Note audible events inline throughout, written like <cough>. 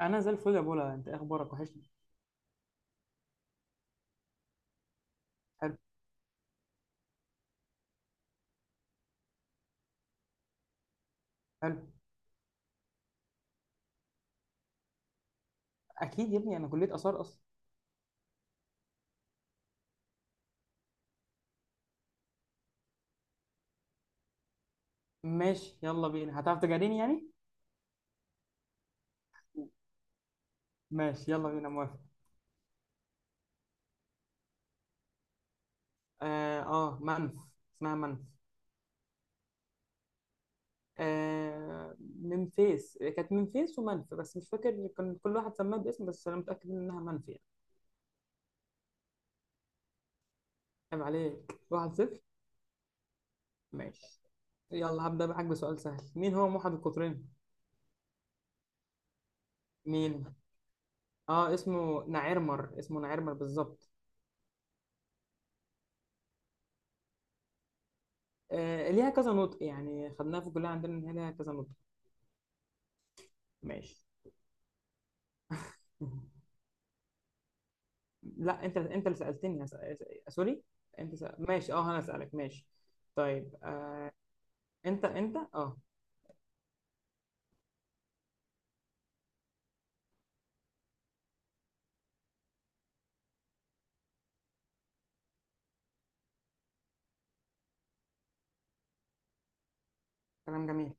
انا زي الفل يا بولا، انت إيه اخبارك؟ وحشني. حلو. حلو. اكيد يا ابني، انا كليه اثار اصلا. ماشي يلا بينا، هتعرف تجاريني يعني؟ ماشي يلا بينا، موافق. اه, آه منف. اسمها منف. آه منفيس، كانت منفيس ومنف بس مش فاكر كان كل واحد سماه باسم، بس انا متاكد انها منف يعني. عيب عليك، واحد صفر. ماشي، يلا هبدا معاك بسؤال سهل. مين هو موحد القطرين؟ مين؟ اه اسمه نعيرمر، اسمه نعيرمر بالظبط. ليها كذا نطق يعني، خدناها في الكلية عندنا إن هي ليها كذا نطق. ماشي. مهم. لا أنت، أنت اللي سألتني. سوري. ماشي أه، أنا أسألك. ماشي طيب. أنت أنت أه. كلام جميل.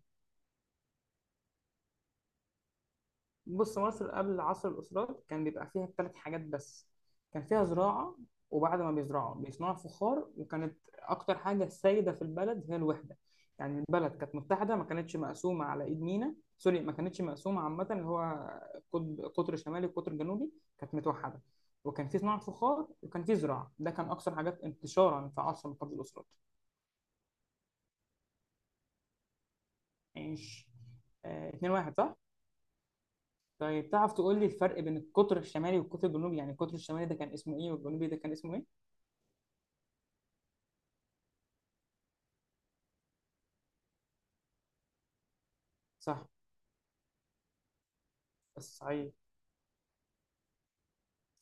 بص، مصر قبل عصر الأسرات كان بيبقى فيها ثلاث حاجات بس. كان فيها زراعة، وبعد ما بيزرعوا بيصنعوا فخار، وكانت أكتر حاجة سائدة في البلد هي الوحدة. يعني البلد كانت متحدة، ما كانتش مقسومة على إيد مينا، سوري ما كانتش مقسومة، عامة اللي هو قطب، قطر شمالي وقطر جنوبي. كانت متوحدة، وكان في صناعة فخار وكان في زراعة. ده كان أكثر حاجات انتشارا في عصر من قبل الأسرات. عيش. اتنين واحد صح؟ طيب، تعرف تقول لي الفرق بين القطر الشمالي والقطر الجنوبي؟ يعني القطر الشمالي ده كان اسمه ايه، والجنوبي ده كان اسمه ايه؟ صح. بس صحيح.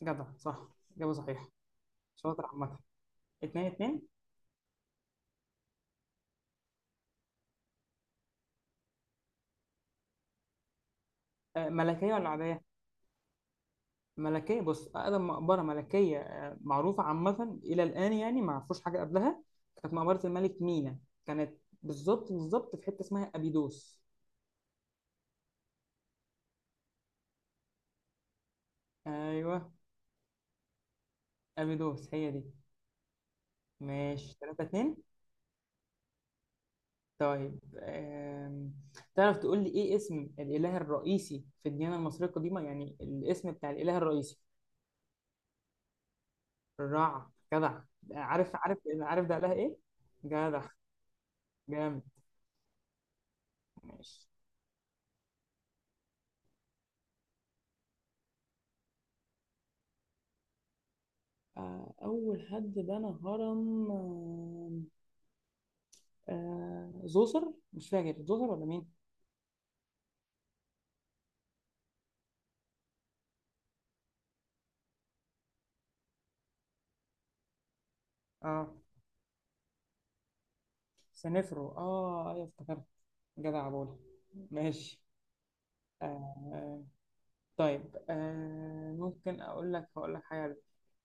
جدع، صح. إجابة صحيحة. شاطر عامة. اتنين اتنين. آه، ملكية ولا عادية؟ ملكية. بص، أقدم مقبرة ملكية آه معروفة عامة إلى الآن، يعني ما عرفوش حاجة قبلها، كانت مقبرة الملك مينا. كانت بالظبط بالظبط في حتة اسمها أبيدوس. أيوه. أبيدوس هي دي. ماشي، تلاتة اتنين. طيب تعرف تقول لي ايه اسم الاله الرئيسي في الديانه المصريه القديمه؟ يعني الاسم بتاع الاله الرئيسي. الرع، جدع. عارف عارف. عارف ده اله ايه. جدع. جامد. ماشي. اول حد بنى هرم. زوسر، مش فاكر زوسر ولا مين. اه سنفرو، اه ايوه افتكرت. جدع بولا. ماشي. آه، طيب ممكن اقول لك، هقول لك حاجه.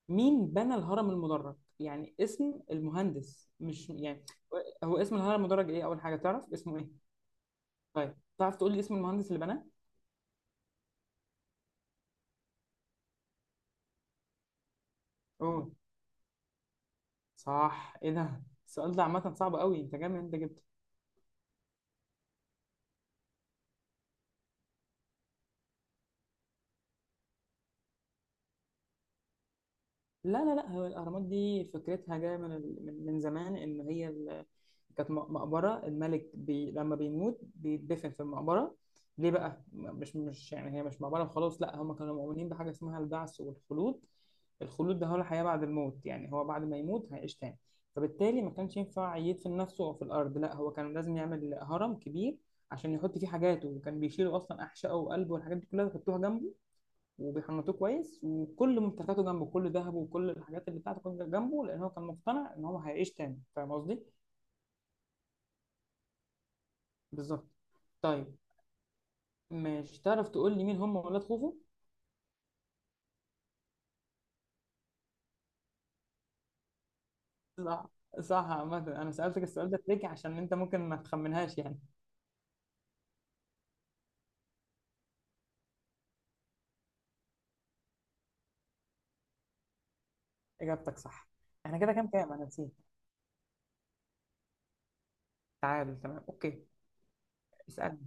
مين بنى الهرم المدرج؟ يعني اسم المهندس، مش يعني هو اسم الهرم المدرج ايه، اول حاجه تعرف اسمه ايه. طيب تعرف تقول لي اسم المهندس اللي بناه؟ اوه. صح، ايه ده؟ السؤال ده عامه صعب قوي، انت جامد انت جدا. لا لا لا، هو الأهرامات دي فكرتها جاية من من زمان، إن هي ال- كانت مقبرة الملك بي، لما بيموت بيتدفن في المقبرة. ليه بقى؟ مش يعني هي مش مقبرة وخلاص، لا هم كانوا مؤمنين بحاجة اسمها البعث والخلود. الخلود ده هو الحياة بعد الموت، يعني هو بعد ما يموت هيعيش تاني. فبالتالي ما كانش ينفع يدفن نفسه أو في الأرض، لا هو كان لازم يعمل هرم كبير عشان يحط فيه حاجاته. وكان بيشيلوا أصلا أحشائه وقلبه والحاجات دي كلها ويحطوها جنبه، وبيحنطوه كويس، وكل ممتلكاته جنبه، كل ذهبه وكل الحاجات اللي بتاعته كانت جنبه، لان هو كان مقتنع ان هو هيعيش تاني. فاهم قصدي؟ بالظبط. طيب، مش تعرف تقول لي مين هم ولاد خوفو؟ صح. صح عامة، انا سألتك السؤال ده تريكي عشان انت ممكن ما تخمنهاش يعني. اجابتك صح. احنا كده كام كام؟ انا نسيت. تعادل، تمام، اوكي. اسألني.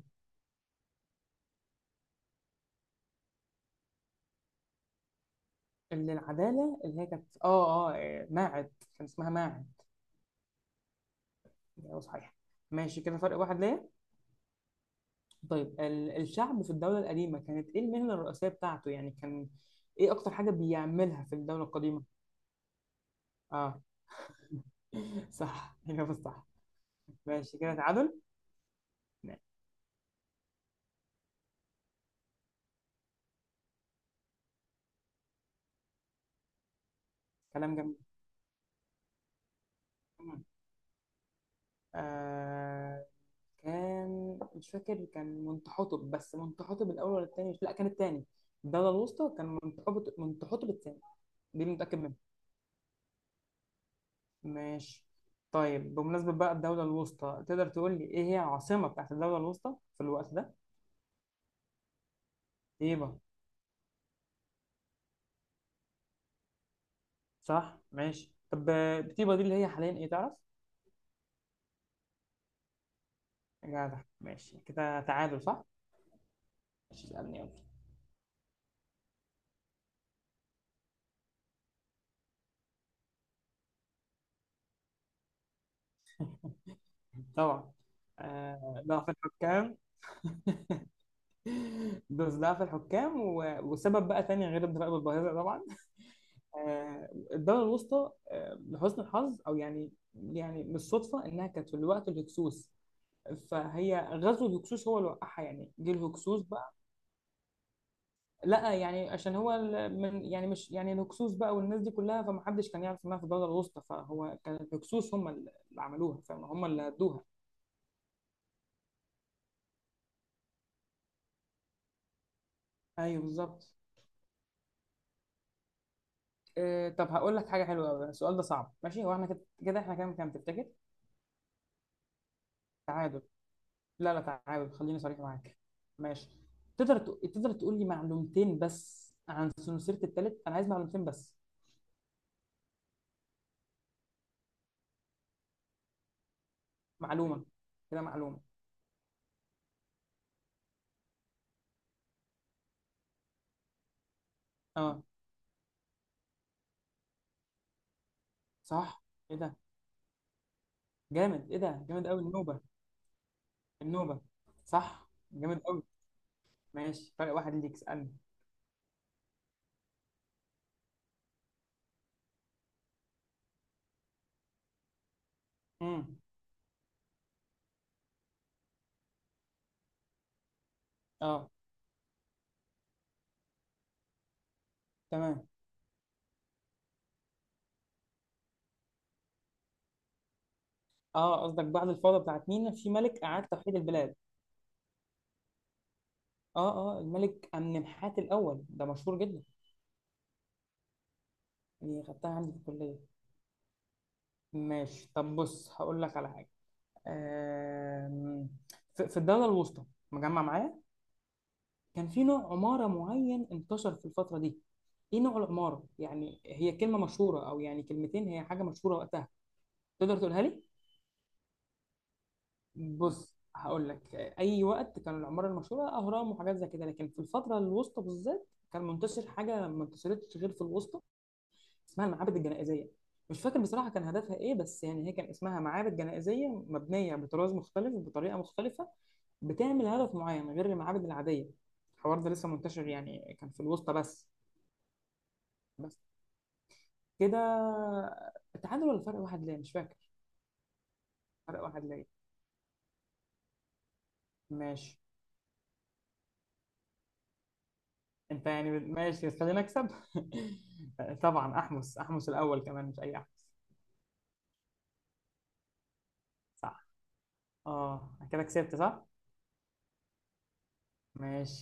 اللي العدالة، اللي هي كانت اه اه إيه، ماعد. كان اسمها ماعد. ايوه صحيح. ماشي كده، فرق واحد ليا. طيب، الشعب في الدولة القديمة كانت إيه المهنة الرئيسية بتاعته؟ يعني كان إيه أكتر حاجة بيعملها في الدولة القديمة؟ آه. <laughs> صح، الإجابة الصح. ماشي كده تعادل. ماشي. كلام جميل. مم. آه، كان مش فاكر كان منتحوتب، بس منتحوتب الأول ولا التاني، مش لا كان التاني. الدولة الوسطى كان منتحوتب، منتحوتب التاني. دي اللي متأكد منها. ماشي. طيب بمناسبة بقى الدولة الوسطى، تقدر تقول لي إيه هي العاصمة بتاعت الدولة الوسطى في الوقت ده؟ إيه بقى؟ صح ماشي. طب بتبقى دي اللي هي حاليا ايه، تعرف؟ جدع، ماشي كده تعادل صح. ماشي، اسألني يلا. طبعا. آه، ضعف الحكام. <laughs> دوس ضعف الحكام و... وسبب بقى تاني غير الضرائب الباهظة طبعا. آه الدولة الوسطى آه لحسن الحظ، او يعني يعني مش صدفة انها كانت في الوقت الهكسوس، فهي غزو الهكسوس هو اللي وقعها. يعني جه الهكسوس بقى. لا يعني عشان هو ال- من، يعني مش يعني الهكسوس بقى والناس دي كلها، فمحدش كان يعرف انها في الدوله الوسطى، فهو كان الهكسوس هم اللي عملوها، فاهم؟ هم اللي هدوها. ايوه بالظبط. إيه، طب هقول لك حاجه حلوه قوي، السؤال ده صعب. ماشي، هو احنا كده كده، احنا كام كام تفتكر؟ تعادل. لا لا، تعادل خليني صريح معاك. ماشي. تقدر تقول لي معلومتين بس عن سنسيره التالت؟ انا عايز معلومتين بس. معلومه. كده معلومه. اه صح، ايه ده جامد؟ ايه ده جامد قوي؟ النوبه. النوبه. صح جامد قوي. ماشي، فرق واحد ليك. اسألني. امم. اه. تمام. اه قصدك بعد الفوضى بتاعت مينا في ملك أعاد توحيد البلاد. اه اه، الملك أمنمحات الأول ده مشهور جدا. دي خدتها عندي في الكلية. ماشي، طب بص هقول لك على حاجة. آم... في الدولة الوسطى، مجمع معايا؟ كان في نوع عمارة معين انتشر في الفترة دي، ايه نوع العمارة؟ يعني هي كلمة مشهورة، أو يعني كلمتين، هي حاجة مشهورة وقتها، تقدر تقولها لي؟ بص هقول لك، اي وقت كان العماره المشهوره اهرام وحاجات زي كده، لكن في الفتره الوسطى بالذات كان منتشر حاجه ما انتشرتش غير في الوسطى، اسمها المعابد الجنائزيه. مش فاكر بصراحه كان هدفها ايه، بس يعني هي كان اسمها معابد جنائزيه مبنيه بطراز مختلف، بطريقه مختلفه، بتعمل هدف معين غير المعابد العاديه. الحوار ده لسه منتشر، يعني كان في الوسطى بس. بس كده، التعادل ولا فرق واحد ليه مش فاكر. فرق واحد ليه. ماشي. انت يعني ماشي بس خلينا نكسب. <laughs> طبعا احمس، احمس الاول، كمان مش اي احمس. صح. اه، أنا كده كسبت صح. ماشي